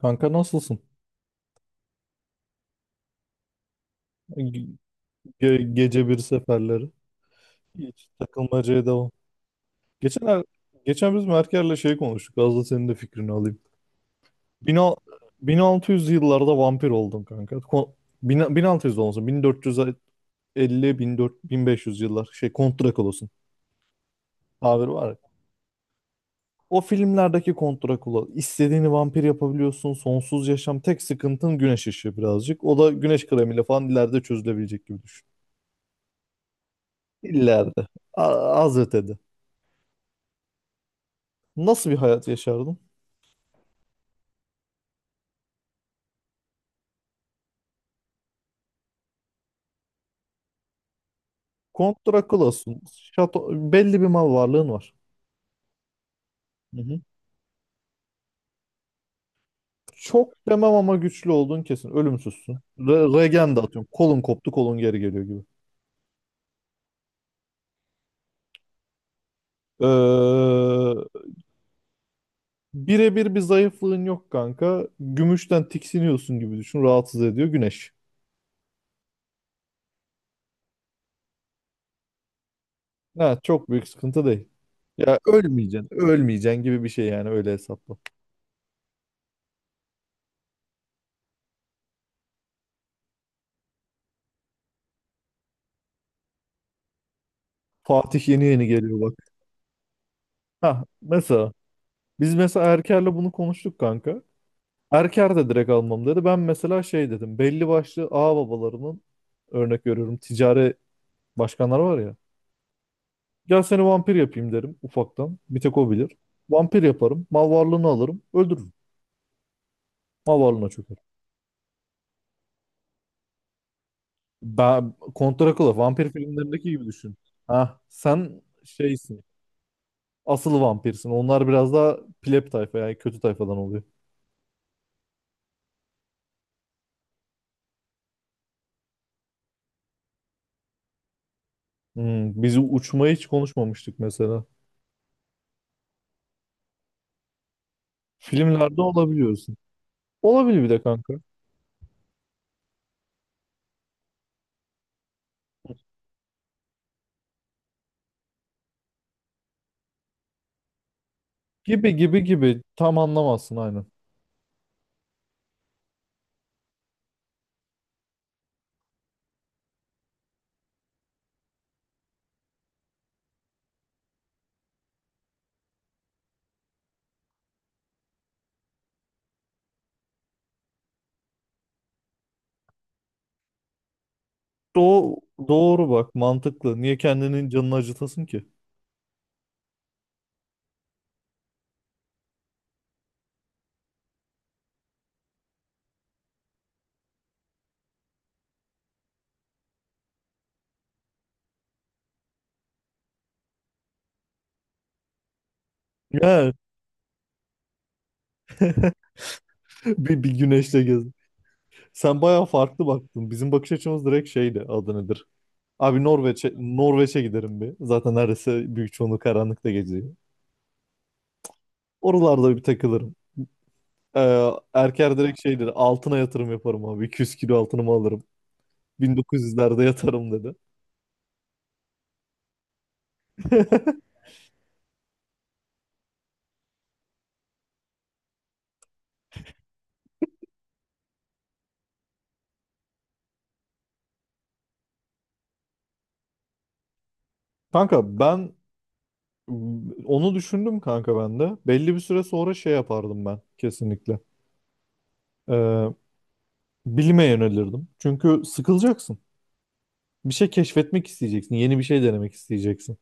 Kanka nasılsın? Ge- gece bir seferleri. Hiç takılmacaya devam. Geçen, er- geçen biz Merker'le şey konuştuk. Az da senin de fikrini alayım. 1000 1600 yıllarda vampir oldum kanka. 1600 olmasın. 1450-1500 yıllar. Şey Kont Drakula'sın. Tabir var ya. O filmlerdeki Kont Drakula. İstediğini vampir yapabiliyorsun. Sonsuz yaşam. Tek sıkıntın güneş ışığı birazcık. O da güneş kremiyle falan ileride çözülebilecek gibi düşün. İleride. A- Az ötede. Nasıl bir hayat yaşardın? Kont Drakula'sın. Şato, belli bir mal varlığın var. Hı hı. Çok demem ama güçlü olduğun kesin. Ölümsüzsün. Regen de atıyorum. Kolun koptu, kolun geri geliyor gibi. Ee, birebir bir zayıflığın yok kanka. Gümüşten tiksiniyorsun gibi düşün. Rahatsız ediyor güneş. Ha, çok büyük sıkıntı değil. Ya ölmeyeceksin, ölmeyeceksin gibi bir şey yani öyle hesapla. Fatih yeni yeni geliyor bak. Ha, mesela biz mesela Erker'le bunu konuştuk kanka. Erker de direkt almam dedi. Ben mesela şey dedim. Belli başlı ağababalarının örnek veriyorum ticari başkanlar var ya. Gel seni vampir yapayım derim ufaktan. Bir tek o bilir. Vampir yaparım. Mal varlığını alırım. Öldürürüm. Mal varlığına çökerim. Ben Contra Killa vampir filmlerindeki gibi düşün. Ha, sen şeysin. Asıl vampirsin. Onlar biraz daha pleb tayfa yani kötü tayfadan oluyor. Biz uçmayı hiç konuşmamıştık mesela. Filmlerde olabiliyorsun. Olabilir bir de kanka. Gibi gibi gibi tam anlamazsın aynen. Doğ doğru bak, mantıklı. Niye kendinin canını acıtasın ki? Ya bir güneşle gez. Sen bayağı farklı baktın. Bizim bakış açımız direkt şeydi, adı nedir? Abi Norveç'e giderim bir. Zaten neredeyse büyük çoğunluğu karanlıkta geçiyor. Oralarda bir takılırım. Erker direkt şeydir, altına yatırım yaparım abi. 200 kilo altınımı alırım. 1900'lerde yatarım dedi. Kanka ben Onu düşündüm kanka ben de. Belli bir süre sonra şey yapardım ben kesinlikle. Ee, bilime yönelirdim. Çünkü sıkılacaksın. Bir şey keşfetmek isteyeceksin. Yeni bir şey denemek isteyeceksin.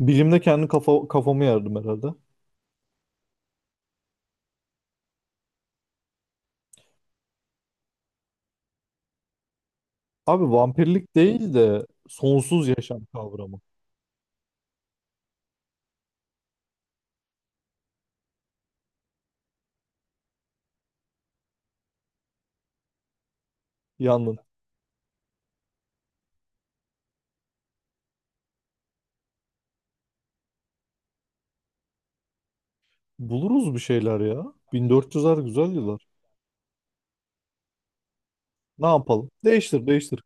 Bilimde kendi kafamı yardım herhalde. Abi vampirlik değil de sonsuz yaşam kavramı. Yalnız buluruz bir şeyler ya. 1400'ler güzel yıllar. Ne yapalım? Değiştir, değiştir.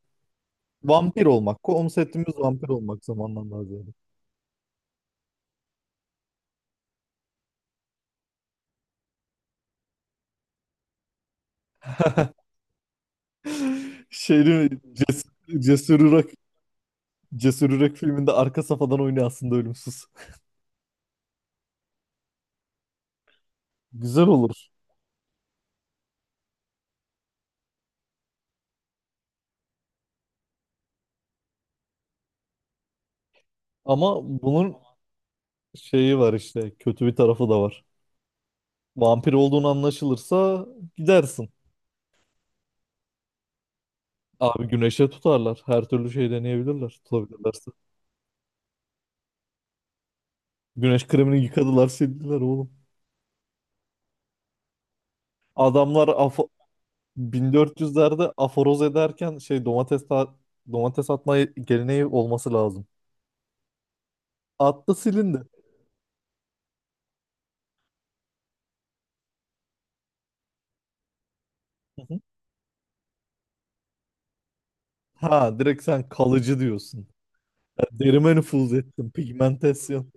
Vampir olmak. Konseptimiz vampir olmak zamandan daha ziyade. Şeyini cesur Cesur Yürek filminde arka safadan oynuyor aslında ölümsüz. Güzel olur. Ama bunun şeyi var işte. Kötü bir tarafı da var. Vampir olduğunu anlaşılırsa gidersin. Abi güneşe tutarlar. Her türlü şey deneyebilirler. Tutabilirlerse. Güneş kremini yıkadılar sildiler oğlum. Adamlar 1400'lerde aforoz ederken şey domates atma geleneği olması lazım. Attı silindi. Hı hı. Ha, direkt sen kalıcı diyorsun. Ya derime nüfuz ettim. Pigmentasyon.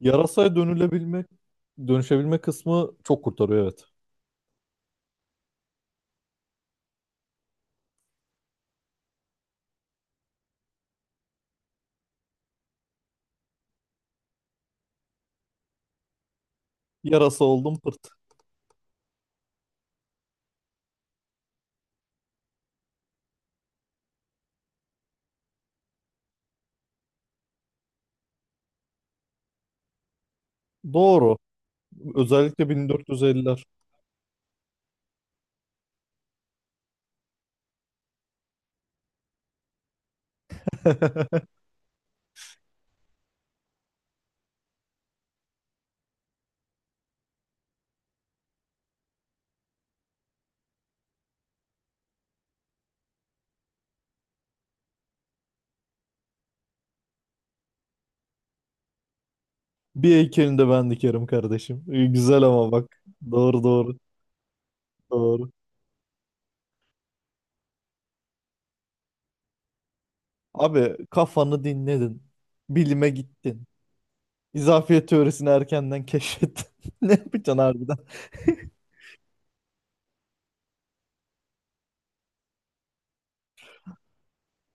Yarasaya dönülebilmek, dönüşebilme kısmı çok kurtarıyor, evet. Yarasa oldum pırt. Doğru. Özellikle 1450'ler. Bir heykelini de ben dikerim kardeşim. Güzel ama bak. Doğru doğru. Doğru. Abi kafanı dinledin. Bilime gittin. İzafiyet teorisini erkenden keşfettin. Ne yapacaksın harbiden?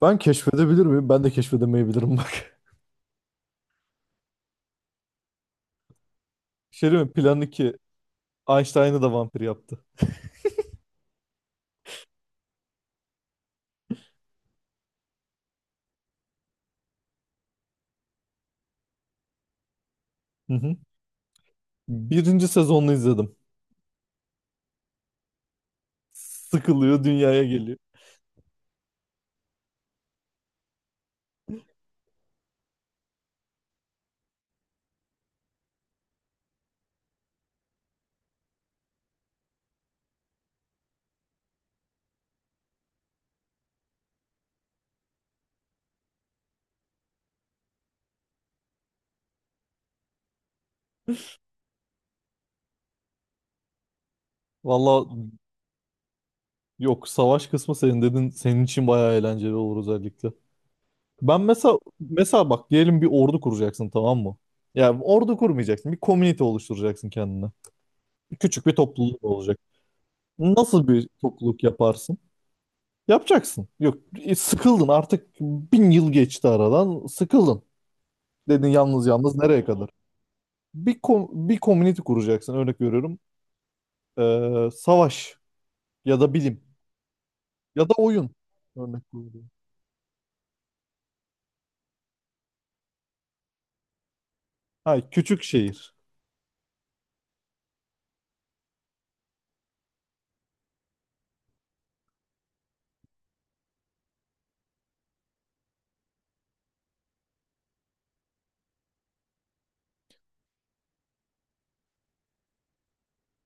Ben keşfedebilir miyim? Ben de keşfedemeyebilirim bak. Şey değil mi? Plan 2. Einstein'ı da vampir yaptı. Hı hı. Birinci sezonunu izledim. Sıkılıyor, dünyaya geliyor. Valla, yok, savaş kısmı senin dedin, senin için bayağı eğlenceli olur özellikle. Ben mesela mesela bak, diyelim bir ordu kuracaksın, tamam mı? Yani ordu kurmayacaksın. Bir komünite oluşturacaksın kendine. Küçük bir topluluk olacak. Nasıl bir topluluk yaparsın? Yapacaksın. Yok, sıkıldın artık, 1000 yıl geçti aradan, sıkıldın. Dedin yalnız yalnız nereye kadar? Bir community kuracaksın örnek veriyorum. Savaş ya da bilim ya da oyun, örnek veriyorum. Ha, küçük şehir.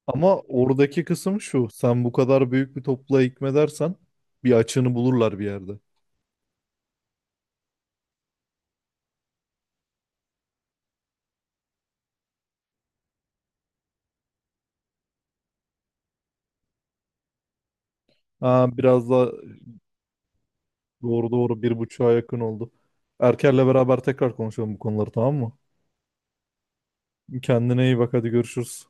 Ama oradaki kısım şu. Sen bu kadar büyük bir topluğa hükmedersen bir açığını bulurlar bir yerde. Ha, biraz da Doğru doğru, bir buçuğa yakın oldu. Erker'le beraber tekrar konuşalım bu konuları, tamam mı? Kendine iyi bak, hadi görüşürüz.